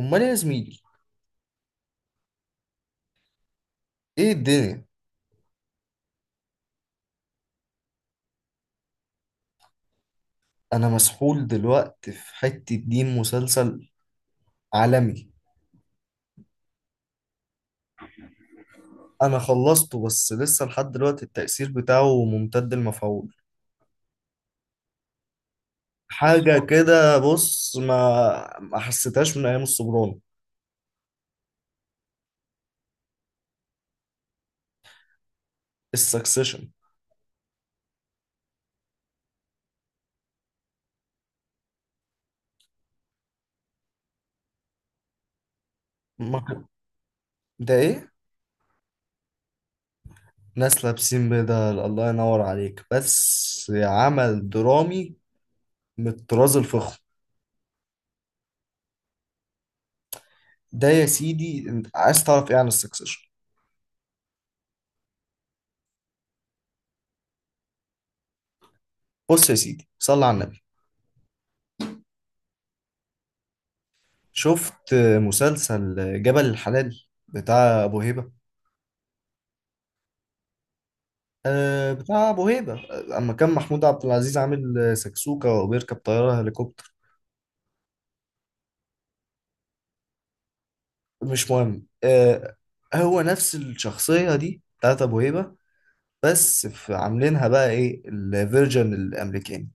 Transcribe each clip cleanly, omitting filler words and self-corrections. امال إيه يا زميلي؟ ايه الدنيا؟ انا مسحول دلوقتي في حتة دين مسلسل عالمي. انا خلصته بس لسه لحد دلوقتي التأثير بتاعه ممتد المفعول. حاجة كده، بص، ما حسيتهاش من ايام السوبرانو. السكسيشن. ما- ده ايه؟ ناس لابسين بدل. الله ينور عليك، بس عمل درامي من الطراز الفخم. ده يا سيدي انت عايز تعرف ايه عن السكسيشن؟ بص يا سيدي، صلى على النبي. شفت مسلسل جبل الحلال بتاع ابو هيبه؟ أه، بتاع ابو هيبه، اما كان محمود عبد العزيز عامل سكسوكه وبيركب طياره هليكوبتر. مش مهم. أه، هو نفس الشخصيه دي بتاعت ابو هيبه، بس في عاملينها بقى ايه الفيرجن الامريكاني.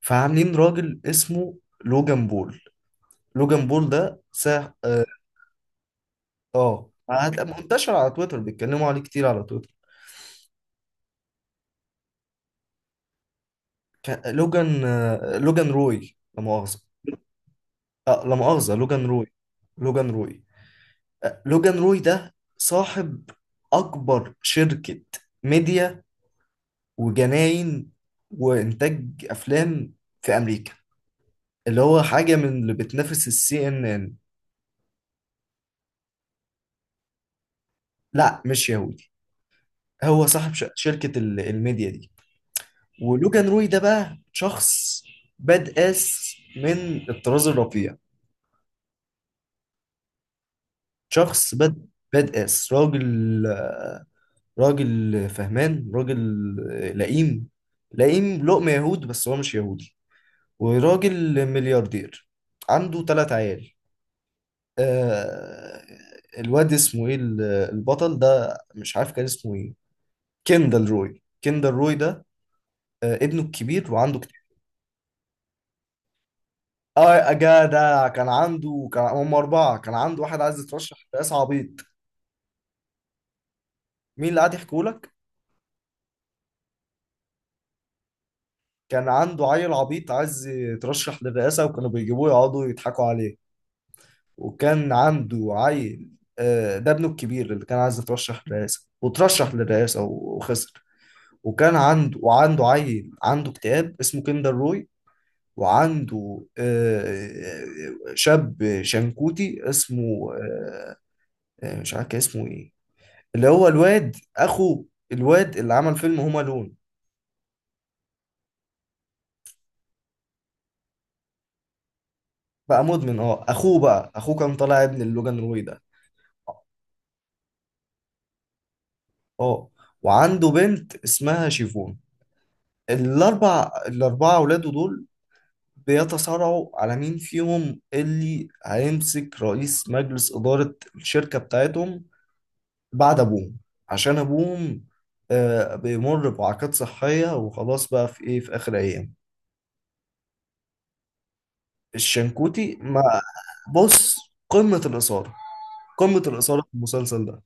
فعاملين راجل اسمه لوجان بول. لوجان بول ده ساح، اه. هتلاقي منتشر على تويتر بيتكلموا عليه كتير على تويتر. لوجان، لوجان روي، لا مؤاخذة. لا مؤاخذة، لوجان روي. لوجان روي. لوجان روي ده صاحب أكبر شركة ميديا وجناين وإنتاج أفلام في أمريكا، اللي هو حاجة من اللي بتنافس السي إن إن. لا، مش يهودي. هو صاحب شركة الميديا دي. ولوجان روي ده بقى شخص باد آس من الطراز الرفيع. شخص باد آس. راجل، راجل فهمان، راجل لئيم. لئيم لقمة يهود، بس هو مش يهودي. وراجل ملياردير. عنده تلات عيال. آه، الواد اسمه ايه، البطل ده مش عارف كان اسمه ايه. كيندل روي. كيندل روي ده آه ابنه الكبير، وعنده كتير. اه، جدع، كان عنده كان هم أربعة. كان عنده واحد عايز يترشح لرئاسة، عبيط. مين اللي قاعد يحكوا لك؟ كان عنده عيل عبيط عايز يترشح للرئاسة، وكانوا بيجيبوه يقعدوا يضحكوا عليه. وكان عنده عيل، آه، ده ابنه الكبير اللي كان عايز يترشح للرئاسة وترشح للرئاسة وخسر. وكان عنده وعنده عيل عنده اكتئاب اسمه كيندر روي. وعنده شاب شنكوتي اسمه مش عارف كان اسمه ايه، اللي هو الواد اخو الواد اللي عمل فيلم هوم الون. بقى مدمن، اه. اخوه بقى، اخوه كان طالع ابن اللوجان روي ده. اه. وعنده بنت اسمها شيفون. الاربعه اولاده دول بيتصارعوا على مين فيهم اللي هيمسك رئيس مجلس إدارة الشركة بتاعتهم بعد أبوهم، عشان أبوهم بيمر بوعكات صحية وخلاص بقى في إيه، في آخر أيام. الشنكوتي ما. بص، قمة الإثارة. قمة الإثارة في المسلسل ده.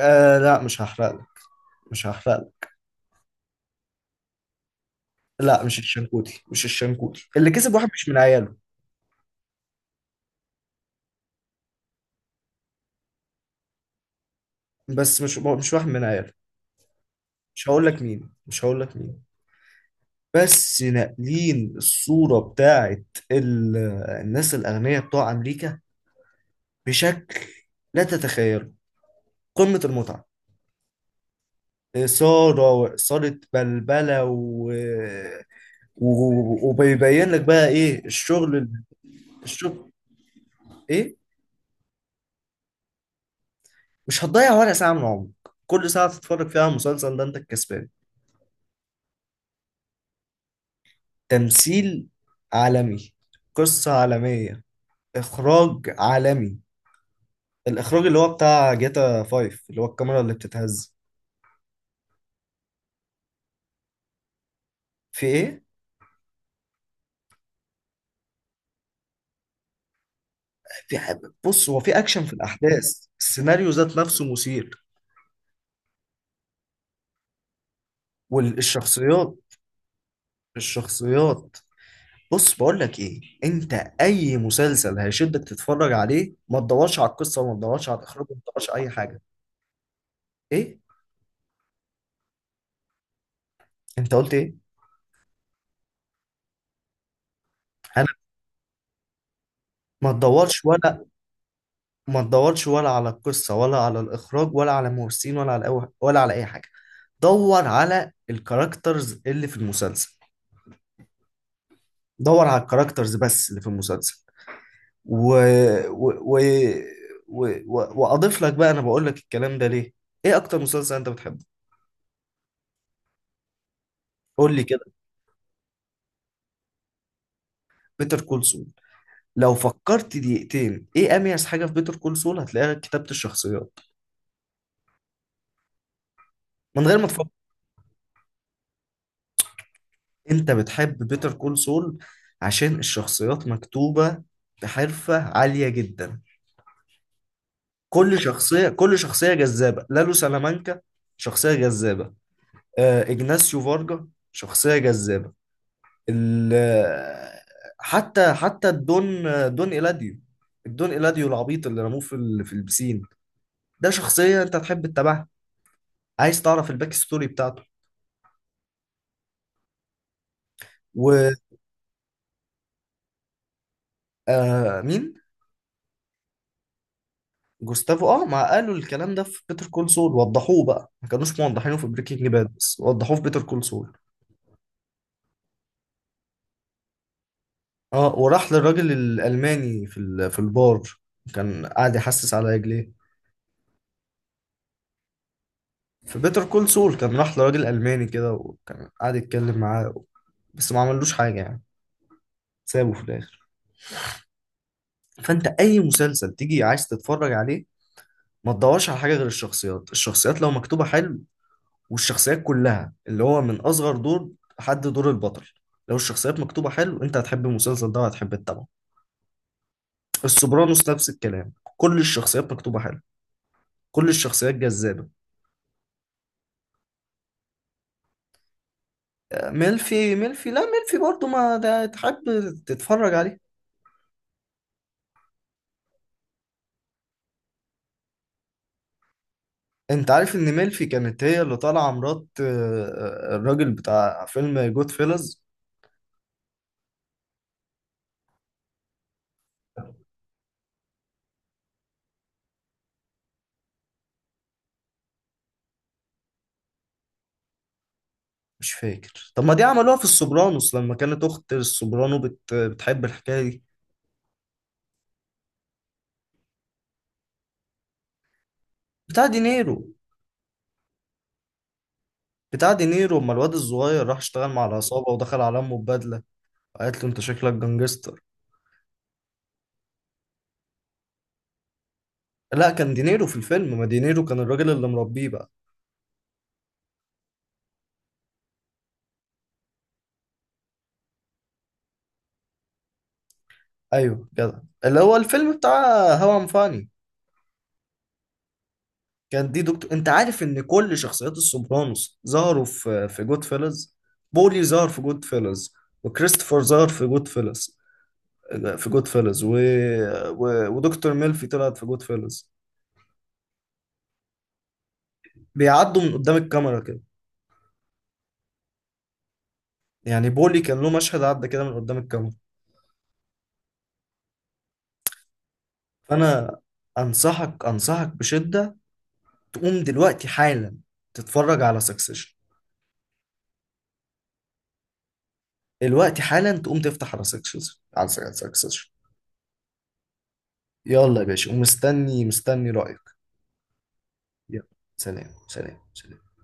آه، لا، مش هحرق لك. مش هحرق لك. لا، مش الشنكوتي، مش الشنكوتي اللي كسب. واحد مش من عياله. بس مش واحد من عياله. مش هقول لك مين، مش هقول لك مين. بس ناقلين الصورة بتاعت ال- الناس الأغنياء بتوع أمريكا بشكل لا تتخيله. قمة المتعة. إثارة وإثارة بلبلة وبيبين لك بقى إيه الشغل. الشغل إيه؟ مش هتضيع ولا ساعة من عمرك. كل ساعة تتفرج فيها على المسلسل ده أنت الكسبان. تمثيل عالمي، قصة عالمية، إخراج عالمي. الإخراج اللي هو بتاع جاتا 5، اللي هو الكاميرا اللي بتتهز. في إيه؟ في ح- بص، هو في اكشن، في الاحداث، السيناريو ذات نفسه مثير. والشخصيات، الشخصيات. بص بقول لك ايه انت، اي مسلسل هيشدك تتفرج عليه ما تدورش على القصه، وما تدورش على الاخراج، وما تدورش على اي حاجه. ايه؟ انت قلت ايه؟ انا، ما تدورش ولا. ما تدورش ولا على القصه، ولا على الاخراج، ولا على الممثلين، ولا على ولا على اي حاجه. دور على الكاركترز اللي في المسلسل. دور على الكاركترز بس اللي في المسلسل. و... و... و... واضيف لك بقى، انا بقول لك الكلام ده ليه. ايه اكتر مسلسل انت بتحبه؟ قول لي كده. بيتر كول سول. لو فكرت دقيقتين ايه اميز حاجه في بيتر كول سول هتلاقيها كتابه الشخصيات، من غير ما تفكر. انت بتحب بيتر كول سول عشان الشخصيات مكتوبه بحرفه عاليه جدا. كل شخصيه، كل شخصيه جذابه. لالو سلامانكا شخصيه جذابه. اجناسيو فارجا شخصيه جذابه. ال حتى الدون، دون إيلاديو. الدون إيلاديو العبيط اللي رموه في في البسين، ده شخصية أنت هتحب تتابعها، عايز تعرف الباك ستوري بتاعته. ومين؟ جوستافو، اه، ما قالوا الكلام ده في بيتر كول سول، وضحوه بقى، ما كانوش موضحينه في بريكنج باد، بس وضحوه في بيتر كول سول. اه، وراح للراجل الألماني في في البار، كان قاعد يحسس على رجليه. في بيتر كول سول كان راح لراجل ألماني كده وكان قاعد يتكلم معاه، بس ما عملوش حاجة يعني. سابه في الاخر. فانت اي مسلسل تيجي عايز تتفرج عليه، ما تدورش على حاجه غير الشخصيات. الشخصيات لو مكتوبه حلو، والشخصيات كلها اللي هو من اصغر دور لحد دور البطل، لو الشخصيات مكتوبه حلو، انت هتحب المسلسل ده وهتحب تتابعه. السوبرانوس نفس الكلام، كل الشخصيات مكتوبه حلو، كل الشخصيات جذابه. ميلفي. ميلفي لا ميلفي برضو ما ده تحب تتفرج عليه. انت عارف ان ميلفي كانت هي اللي طالعه مرات الراجل بتاع فيلم جود فيلز؟ مش فاكر. طب ما دي عملوها في السوبرانوس لما كانت اخت السوبرانو بتحب الحكايه دي. بتاع دينيرو. بتاع دينيرو اما الواد الصغير راح اشتغل مع العصابه ودخل على امه ببدله، قالت له انت شكلك جانجستر. لا، كان دينيرو في الفيلم، ما دينيرو كان الراجل اللي مربيه بقى. ايوه كده، اللي هو الفيلم بتاع هوا ام فاني. كان دي دكتور. انت عارف ان كل شخصيات السوبرانوس ظهروا في جود فيلز؟ بولي ظهر في جود فيلز، وكريستوفر ظهر في جود فيلز، في جود فيلز ودكتور ميلفي طلعت في جود فيلز. بيعدوا من قدام الكاميرا كده، يعني بولي كان له مشهد عدى كده من قدام الكاميرا. فانا انصحك، انصحك بشدة، تقوم دلوقتي حالا تتفرج على سكسيشن. دلوقتي حالا تقوم تفتح على سكسيشن، على سكسيشن. يلا يا باشا، ومستني، مستني رأيك. يلا، سلام. سلام، سلام.